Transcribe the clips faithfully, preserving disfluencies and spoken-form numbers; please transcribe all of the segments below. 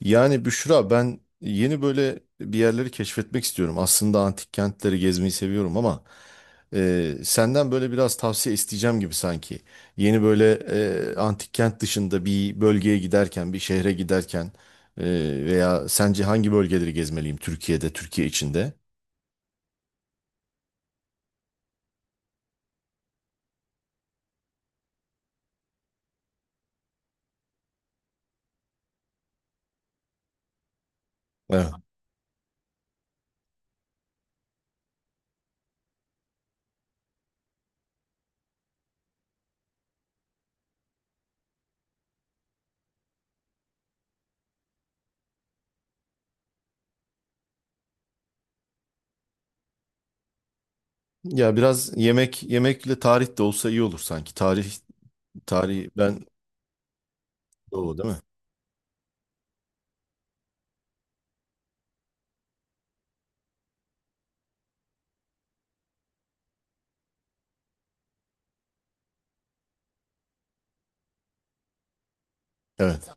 Yani Büşra ben yeni böyle bir yerleri keşfetmek istiyorum. Aslında antik kentleri gezmeyi seviyorum ama e, senden böyle biraz tavsiye isteyeceğim gibi sanki. Yeni böyle e, antik kent dışında bir bölgeye giderken, bir şehre giderken e, veya sence hangi bölgeleri gezmeliyim Türkiye'de, Türkiye içinde? Evet. Ya biraz yemek yemekle tarih de olsa iyi olur sanki. Tarih tarih ben doğru değil mi? Evet.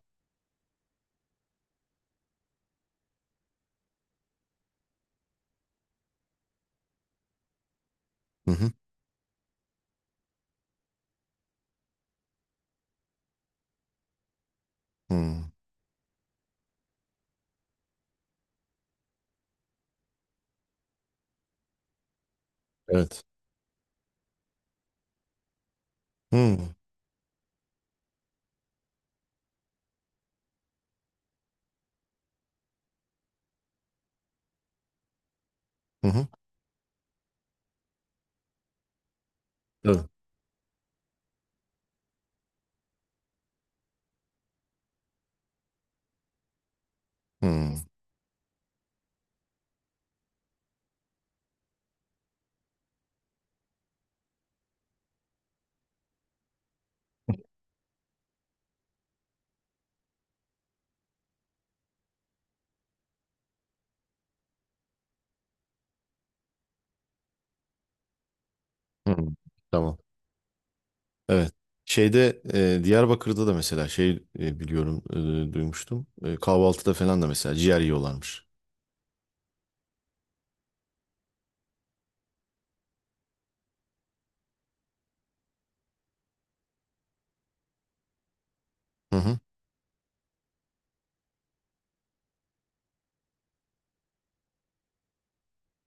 Hı hı. Hı. Evet. Hı hı. Hı. Tabii. Hı. Hı, tamam. Evet. Şeyde e, Diyarbakır'da da mesela şey e, biliyorum e, duymuştum. E, kahvaltıda falan da mesela ciğer yiyorlarmış. Hı hı.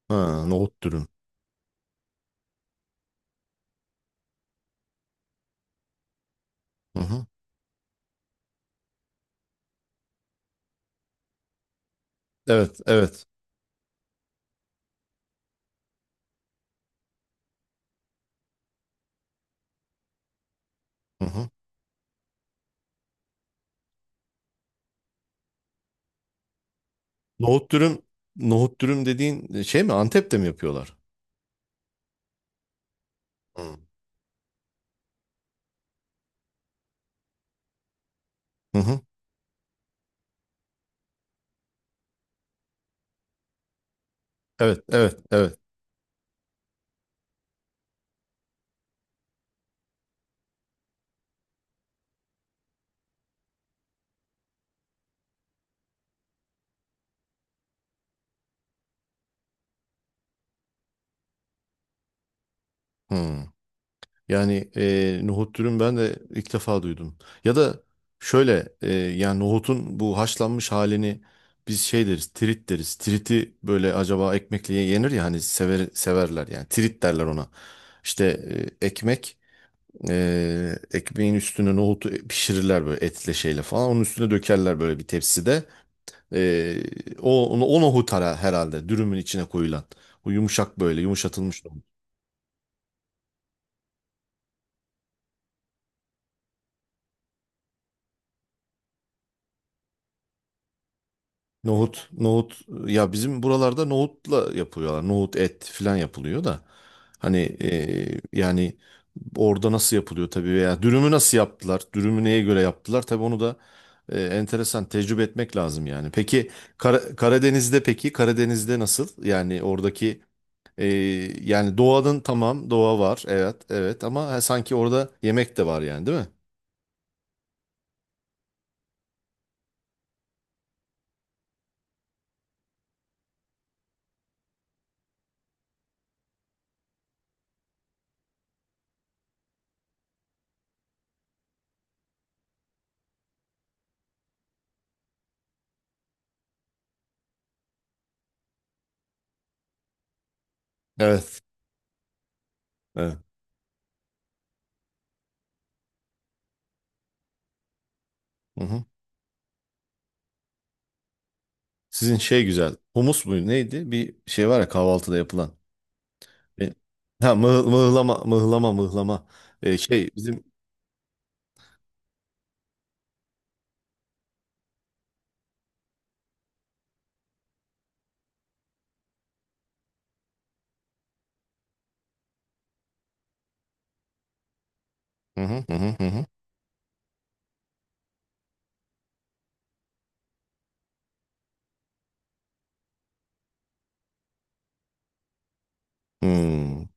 Ha, nohut dürüm. Hı hı. Evet, evet. Hı hı. Nohut dürüm, nohut dürüm dediğin şey mi? Antep'te mi yapıyorlar? Hı hı. Hı. Evet, evet, evet. Hı. Yani e, nohut dürüm ben de ilk defa duydum. Ya da şöyle e, yani nohutun bu haşlanmış halini biz şey deriz, tirit deriz. Tiriti böyle acaba ekmekle yenir ya hani sever, severler yani tirit derler ona. İşte e, ekmek e, ekmeğin üstüne nohutu pişirirler böyle etle şeyle falan. Onun üstüne dökerler böyle bir tepside. E, O, o nohut ara herhalde dürümün içine koyulan. O yumuşak böyle yumuşatılmış. Nohut, nohut e, ya bizim buralarda nohutla yapıyorlar. Nohut et falan yapılıyor da. Hani e, yani orada nasıl yapılıyor tabii veya dürümü nasıl yaptılar? Dürümü neye göre yaptılar? Tabii onu da e, enteresan tecrübe etmek lazım yani. Peki Kara- Karadeniz'de peki Karadeniz'de nasıl? Yani oradaki e, yani doğanın tamam doğa var. Evet, evet ama ha, sanki orada yemek de var yani değil mi? Evet. Evet. Sizin şey güzel. Humus muydu neydi? Bir şey var ya kahvaltıda yapılan. E, Ha mıh- mıhlama mıhlama mıhlama. E, şey bizim. Hı hı hı hı. Hı hı. Hmm.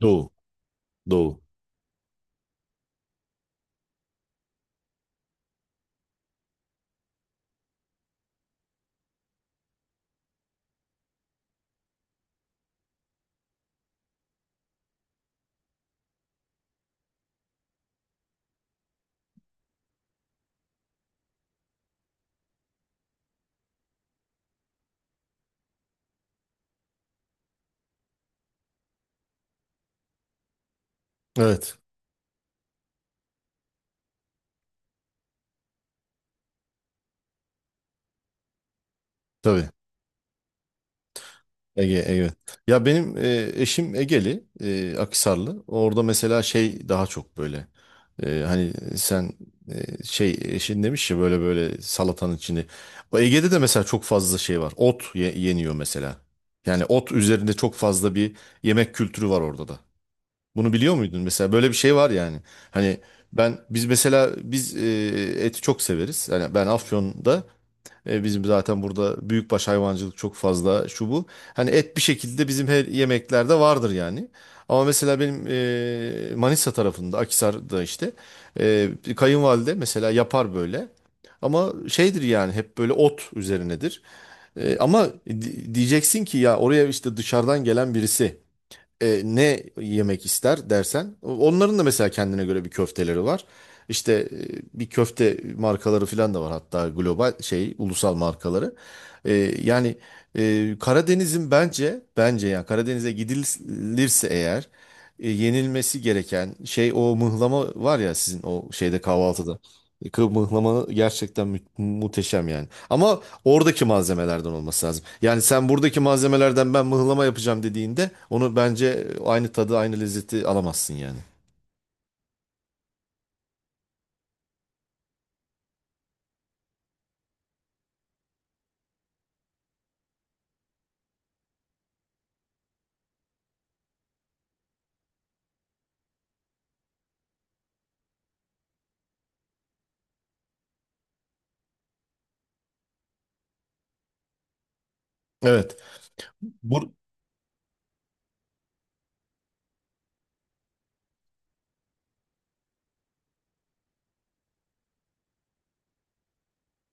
Doğu. Doğu. Evet. Tabii. Ege, evet. Ya benim e, eşim Egeli, e, Akhisarlı. Orada mesela şey daha çok böyle. E, hani sen e, şey eşin demiş ya böyle böyle salatanın içinde. O Ege'de de mesela çok fazla şey var. Ot ye- yeniyor mesela. Yani ot üzerinde çok fazla bir yemek kültürü var orada da. Bunu biliyor muydun? Mesela böyle bir şey var yani. Hani ben biz mesela biz e, eti çok severiz. Yani ben Afyon'da e, bizim zaten burada büyükbaş hayvancılık çok fazla şu bu. Hani et bir şekilde bizim her yemeklerde vardır yani. Ama mesela benim e, Manisa tarafında Akhisar'da işte e, bir kayınvalide mesela yapar böyle. Ama şeydir yani hep böyle ot üzerinedir. E, ama di- diyeceksin ki ya oraya işte dışarıdan gelen birisi e, ne yemek ister dersen onların da mesela kendine göre bir köfteleri var. İşte e, bir köfte markaları falan da var hatta global şey ulusal markaları. E, Yani e, Karadeniz'in bence bence yani Karadeniz'e gidilirse eğer e, yenilmesi gereken şey o mıhlama var ya sizin o şeyde kahvaltıda. E, Kı- Mıhlama gerçekten mü- muhteşem yani. Ama oradaki malzemelerden olması lazım. Yani sen buradaki malzemelerden ben mıhlama yapacağım dediğinde onu bence aynı tadı, aynı lezzeti alamazsın yani. Evet. Bu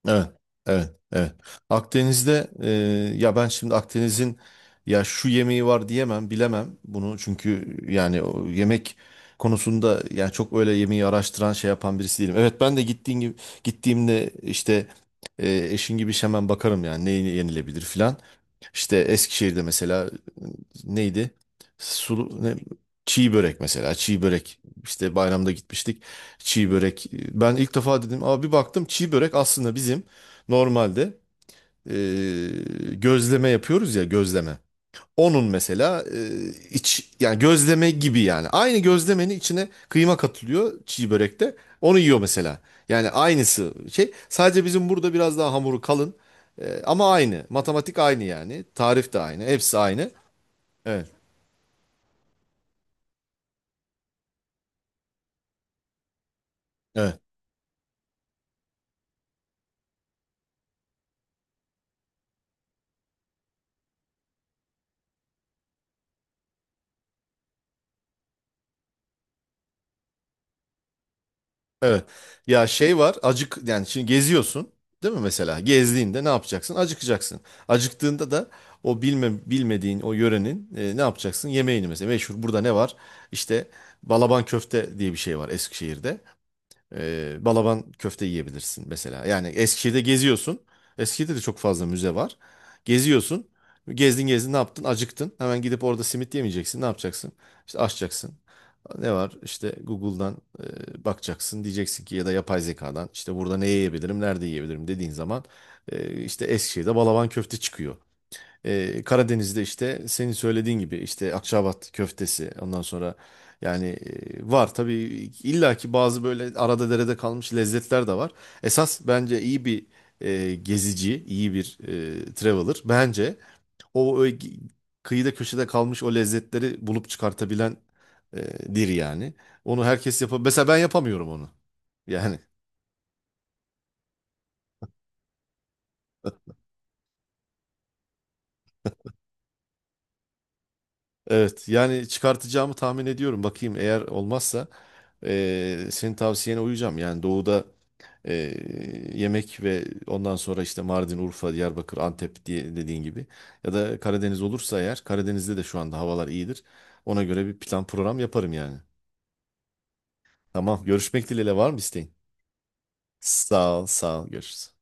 evet. Evet. Evet. Akdeniz'de e, ya ben şimdi Akdeniz'in ya şu yemeği var diyemem, bilemem bunu. Çünkü yani o yemek konusunda yani çok öyle yemeği araştıran şey yapan birisi değilim. Evet ben de gittiğim gibi gittiğimde işte e, eşin gibi hemen bakarım yani ne yenilebilir filan. İşte Eskişehir'de mesela neydi? Sulu, ne? Çiğ börek mesela. Çiğ börek. İşte bayramda gitmiştik. Çiğ börek. Ben ilk defa dedim. Abi bir baktım çiğ börek aslında bizim normalde eee, gözleme yapıyoruz ya gözleme. Onun mesela e, iç yani gözleme gibi yani. Aynı gözlemenin içine kıyma katılıyor çiğ börekte. Onu yiyor mesela. Yani aynısı şey. Sadece bizim burada biraz daha hamuru kalın. E, ama aynı. Matematik aynı yani. Tarif de aynı. Hepsi aynı. Evet. Evet. Evet. Ya şey var, acık yani şimdi geziyorsun, değil mi mesela? Gezdiğinde ne yapacaksın? Acıkacaksın. Acıktığında da o bilme, bilmediğin o yörenin e, ne yapacaksın? Yemeğini mesela. Meşhur burada ne var? İşte balaban köfte diye bir şey var Eskişehir'de. Ee, Balaban köfte yiyebilirsin mesela. Yani Eskişehir'de geziyorsun. Eskişehir'de de çok fazla müze var. Geziyorsun. Gezdin gezdin ne yaptın? Acıktın. Hemen gidip orada simit yemeyeceksin. Ne yapacaksın? İşte açacaksın. Ne var? İşte Google'dan e, bakacaksın. Diyeceksin ki ya da yapay zekadan işte burada ne yiyebilirim, nerede yiyebilirim dediğin zaman e, işte Eskişehir'de Balaban köfte çıkıyor. Ee, Karadeniz'de işte senin söylediğin gibi işte Akçaabat köftesi ondan sonra yani e, var tabii illaki bazı böyle arada derede kalmış lezzetler de var. Esas bence iyi bir e, gezici, iyi bir e, traveler bence o, ö- kıyıda köşede kalmış o lezzetleri bulup çıkartabilen e, dir yani. Onu herkes yapabilir. Mesela ben yapamıyorum onu. Yani evet yani çıkartacağımı tahmin ediyorum. Bakayım eğer olmazsa eee senin tavsiyene uyacağım. Yani doğuda eee, yemek ve ondan sonra işte Mardin, Urfa, Diyarbakır, Antep diye dediğin gibi. Ya da Karadeniz olursa eğer Karadeniz'de de şu anda havalar iyidir. Ona göre bir plan program yaparım yani. Tamam görüşmek dileğiyle var mı isteğin? Sağ ol sağ ol görüşürüz.